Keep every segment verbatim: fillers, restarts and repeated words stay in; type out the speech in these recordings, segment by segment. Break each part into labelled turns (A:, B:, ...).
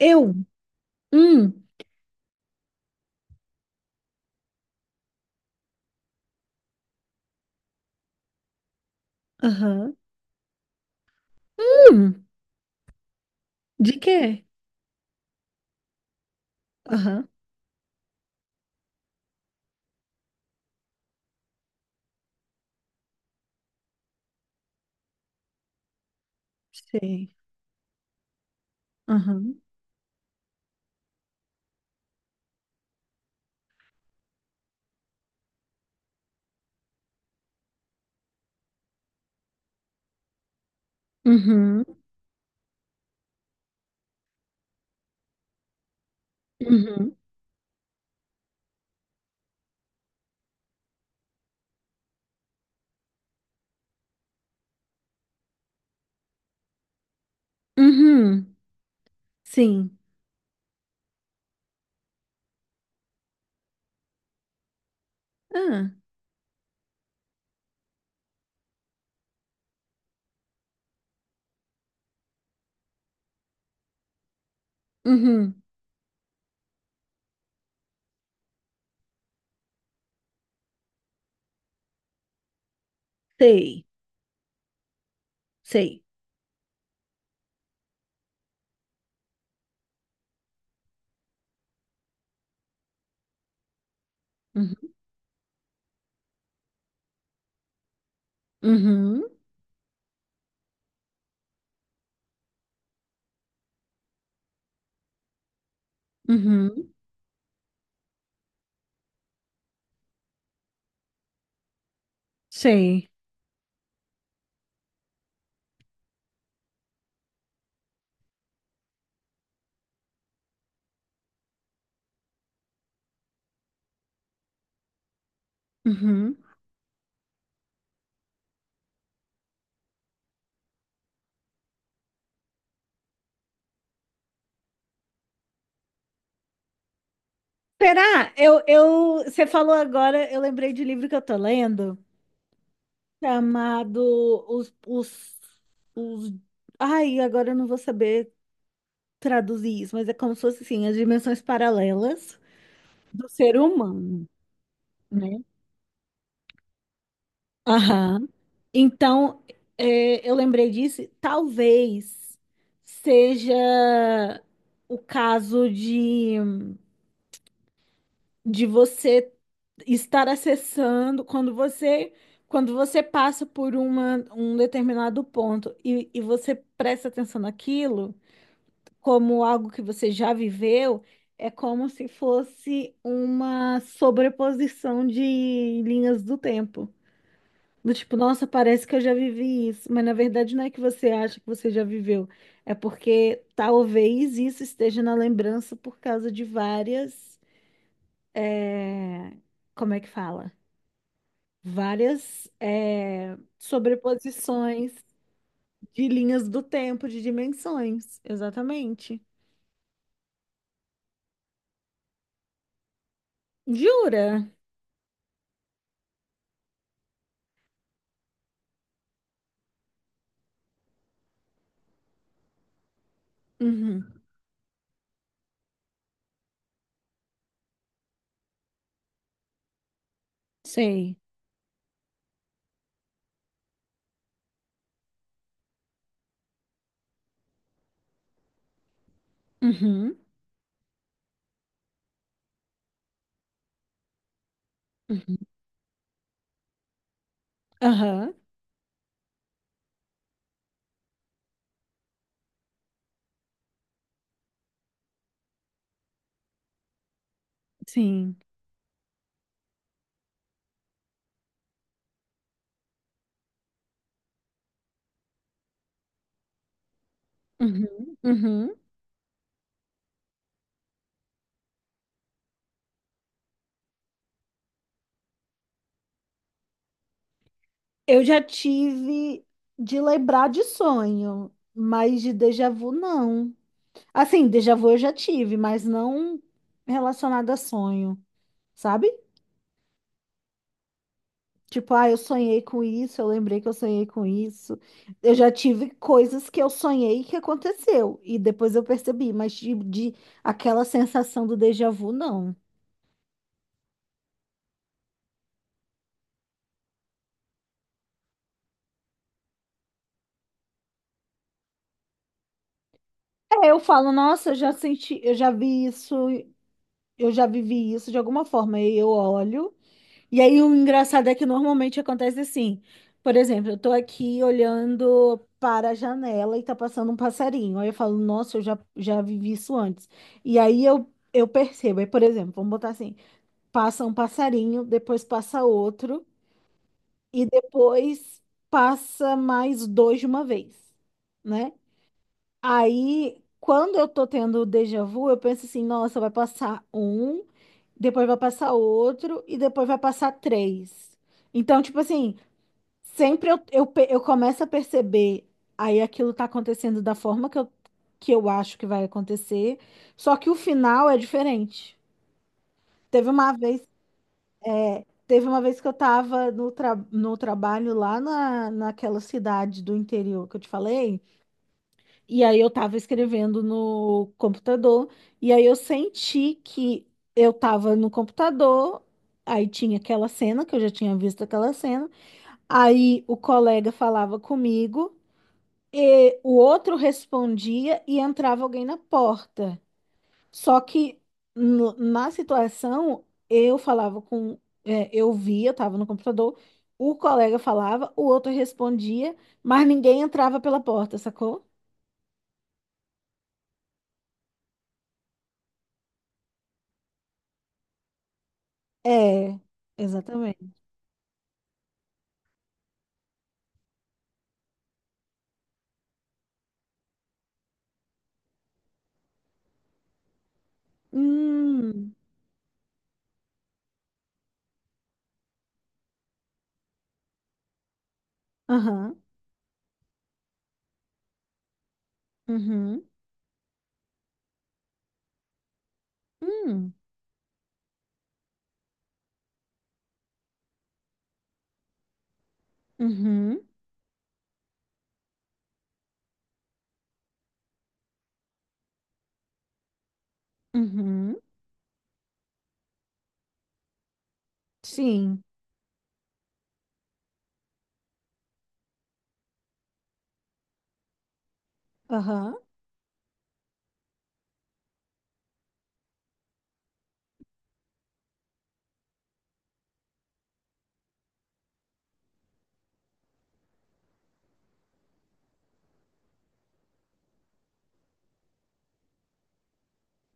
A: Eu? Hum, aham. Hum, de quê? Aham, sei. Aham. Uhum, uhum, uhum, sim. Ah, uhum, sei, sei. Uhum, uhum, uhum, sei. Uhum. Será? Eu, eu, você falou agora, eu lembrei de um livro que eu tô lendo, chamado Os, os, os... Ai, agora eu não vou saber traduzir isso, mas é como se fosse, assim, as dimensões paralelas do ser humano, né? Aham. Então, é, eu lembrei disso, talvez seja o caso de, de você estar acessando quando você quando você passa por uma, um determinado ponto e, e você presta atenção naquilo como algo que você já viveu, é como se fosse uma sobreposição de linhas do tempo. Do tipo, nossa, parece que eu já vivi isso, mas na verdade não é que você acha que você já viveu, é porque talvez isso esteja na lembrança por causa de várias, é, como é que fala? Várias, é, sobreposições de linhas do tempo, de dimensões, exatamente. Jura? Uhum. Sei. Uhum. Uhum. Aham. Sim. Uhum. Uhum. Eu já tive de lembrar de sonho, mas de déjà vu não. Assim, déjà vu eu já tive, mas não relacionado a sonho, sabe? Tipo, ah, eu sonhei com isso, eu lembrei que eu sonhei com isso. Eu já tive coisas que eu sonhei que aconteceu e depois eu percebi, mas de, de aquela sensação do déjà vu não. É, eu falo, nossa, eu já senti, eu já vi isso, eu já vivi isso de alguma forma. E eu olho. E aí o engraçado é que normalmente acontece assim. Por exemplo, eu tô aqui olhando para a janela e tá passando um passarinho. Aí eu falo, nossa, eu já, já vivi isso antes. E aí eu, eu percebo. Aí, por exemplo, vamos botar assim: passa um passarinho, depois passa outro, e depois passa mais dois de uma vez, né? Aí, quando eu tô tendo o déjà vu, eu penso assim, nossa, vai passar um, depois vai passar outro e depois vai passar três. Então, tipo assim, sempre eu, eu, pe- eu começo a perceber, aí aquilo tá acontecendo da forma que eu, que eu acho que vai acontecer, só que o final é diferente. Teve uma vez, teve uma vez que eu tava no, tra no trabalho lá na, naquela cidade do interior que eu te falei. E aí eu tava escrevendo no computador, e aí eu senti que eu tava no computador, aí tinha aquela cena, que eu já tinha visto aquela cena, aí o colega falava comigo, e o outro respondia e entrava alguém na porta. Só que no- na situação, eu falava com, é, eu via, eu tava no computador, o colega falava, o outro respondia, mas ninguém entrava pela porta, sacou? É, exatamente. Hum. Aham. Uhum. Hum. Uhum. Uhum. Sim. Aham.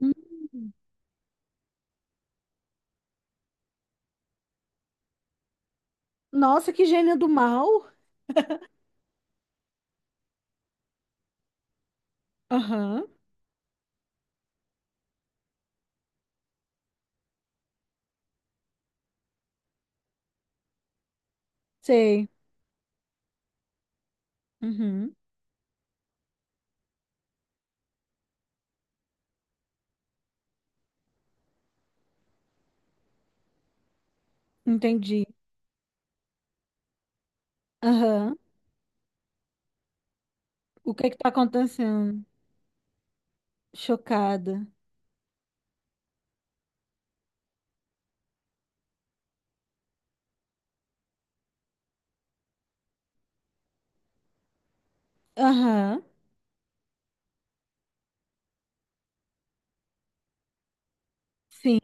A: Hum. Nossa, que gênio do mal. Aham. Sei. Uhum. Entendi. Aham. O que é que tá acontecendo? Chocada. Aham. Sim.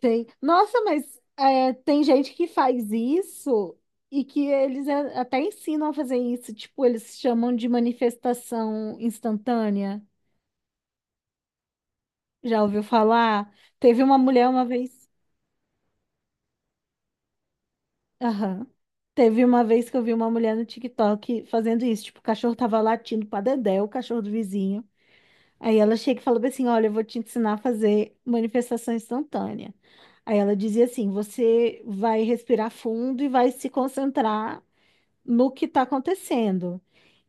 A: Sei. Nossa, mas é, tem gente que faz isso e que eles, é, até ensinam a fazer isso. Tipo, eles chamam de manifestação instantânea. Já ouviu falar? Teve uma mulher uma vez. Aham. Teve uma vez que eu vi uma mulher no TikTok fazendo isso. Tipo, o cachorro tava latindo pra Dedé, o cachorro do vizinho. Aí ela chega e fala bem assim: olha, eu vou te ensinar a fazer manifestação instantânea. Aí ela dizia assim: você vai respirar fundo e vai se concentrar no que tá acontecendo.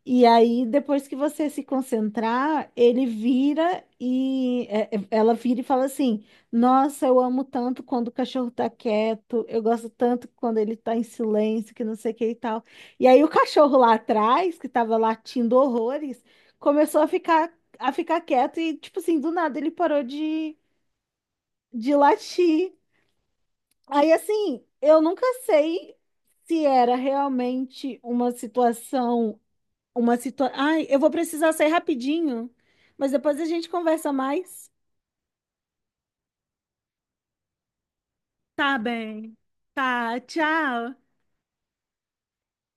A: E aí, depois que você se concentrar, ele vira e é, é, ela vira e fala assim: nossa, eu amo tanto quando o cachorro tá quieto, eu gosto tanto quando ele tá em silêncio, que não sei o que e tal. E aí, o cachorro lá atrás, que tava latindo horrores, começou a ficar, a ficar quieto e, tipo assim, do nada ele parou de, de latir. Aí, assim, eu nunca sei se era realmente uma situação. uma situação. Ai, eu vou precisar sair rapidinho, mas depois a gente conversa mais. Tá bem. Tá, tchau.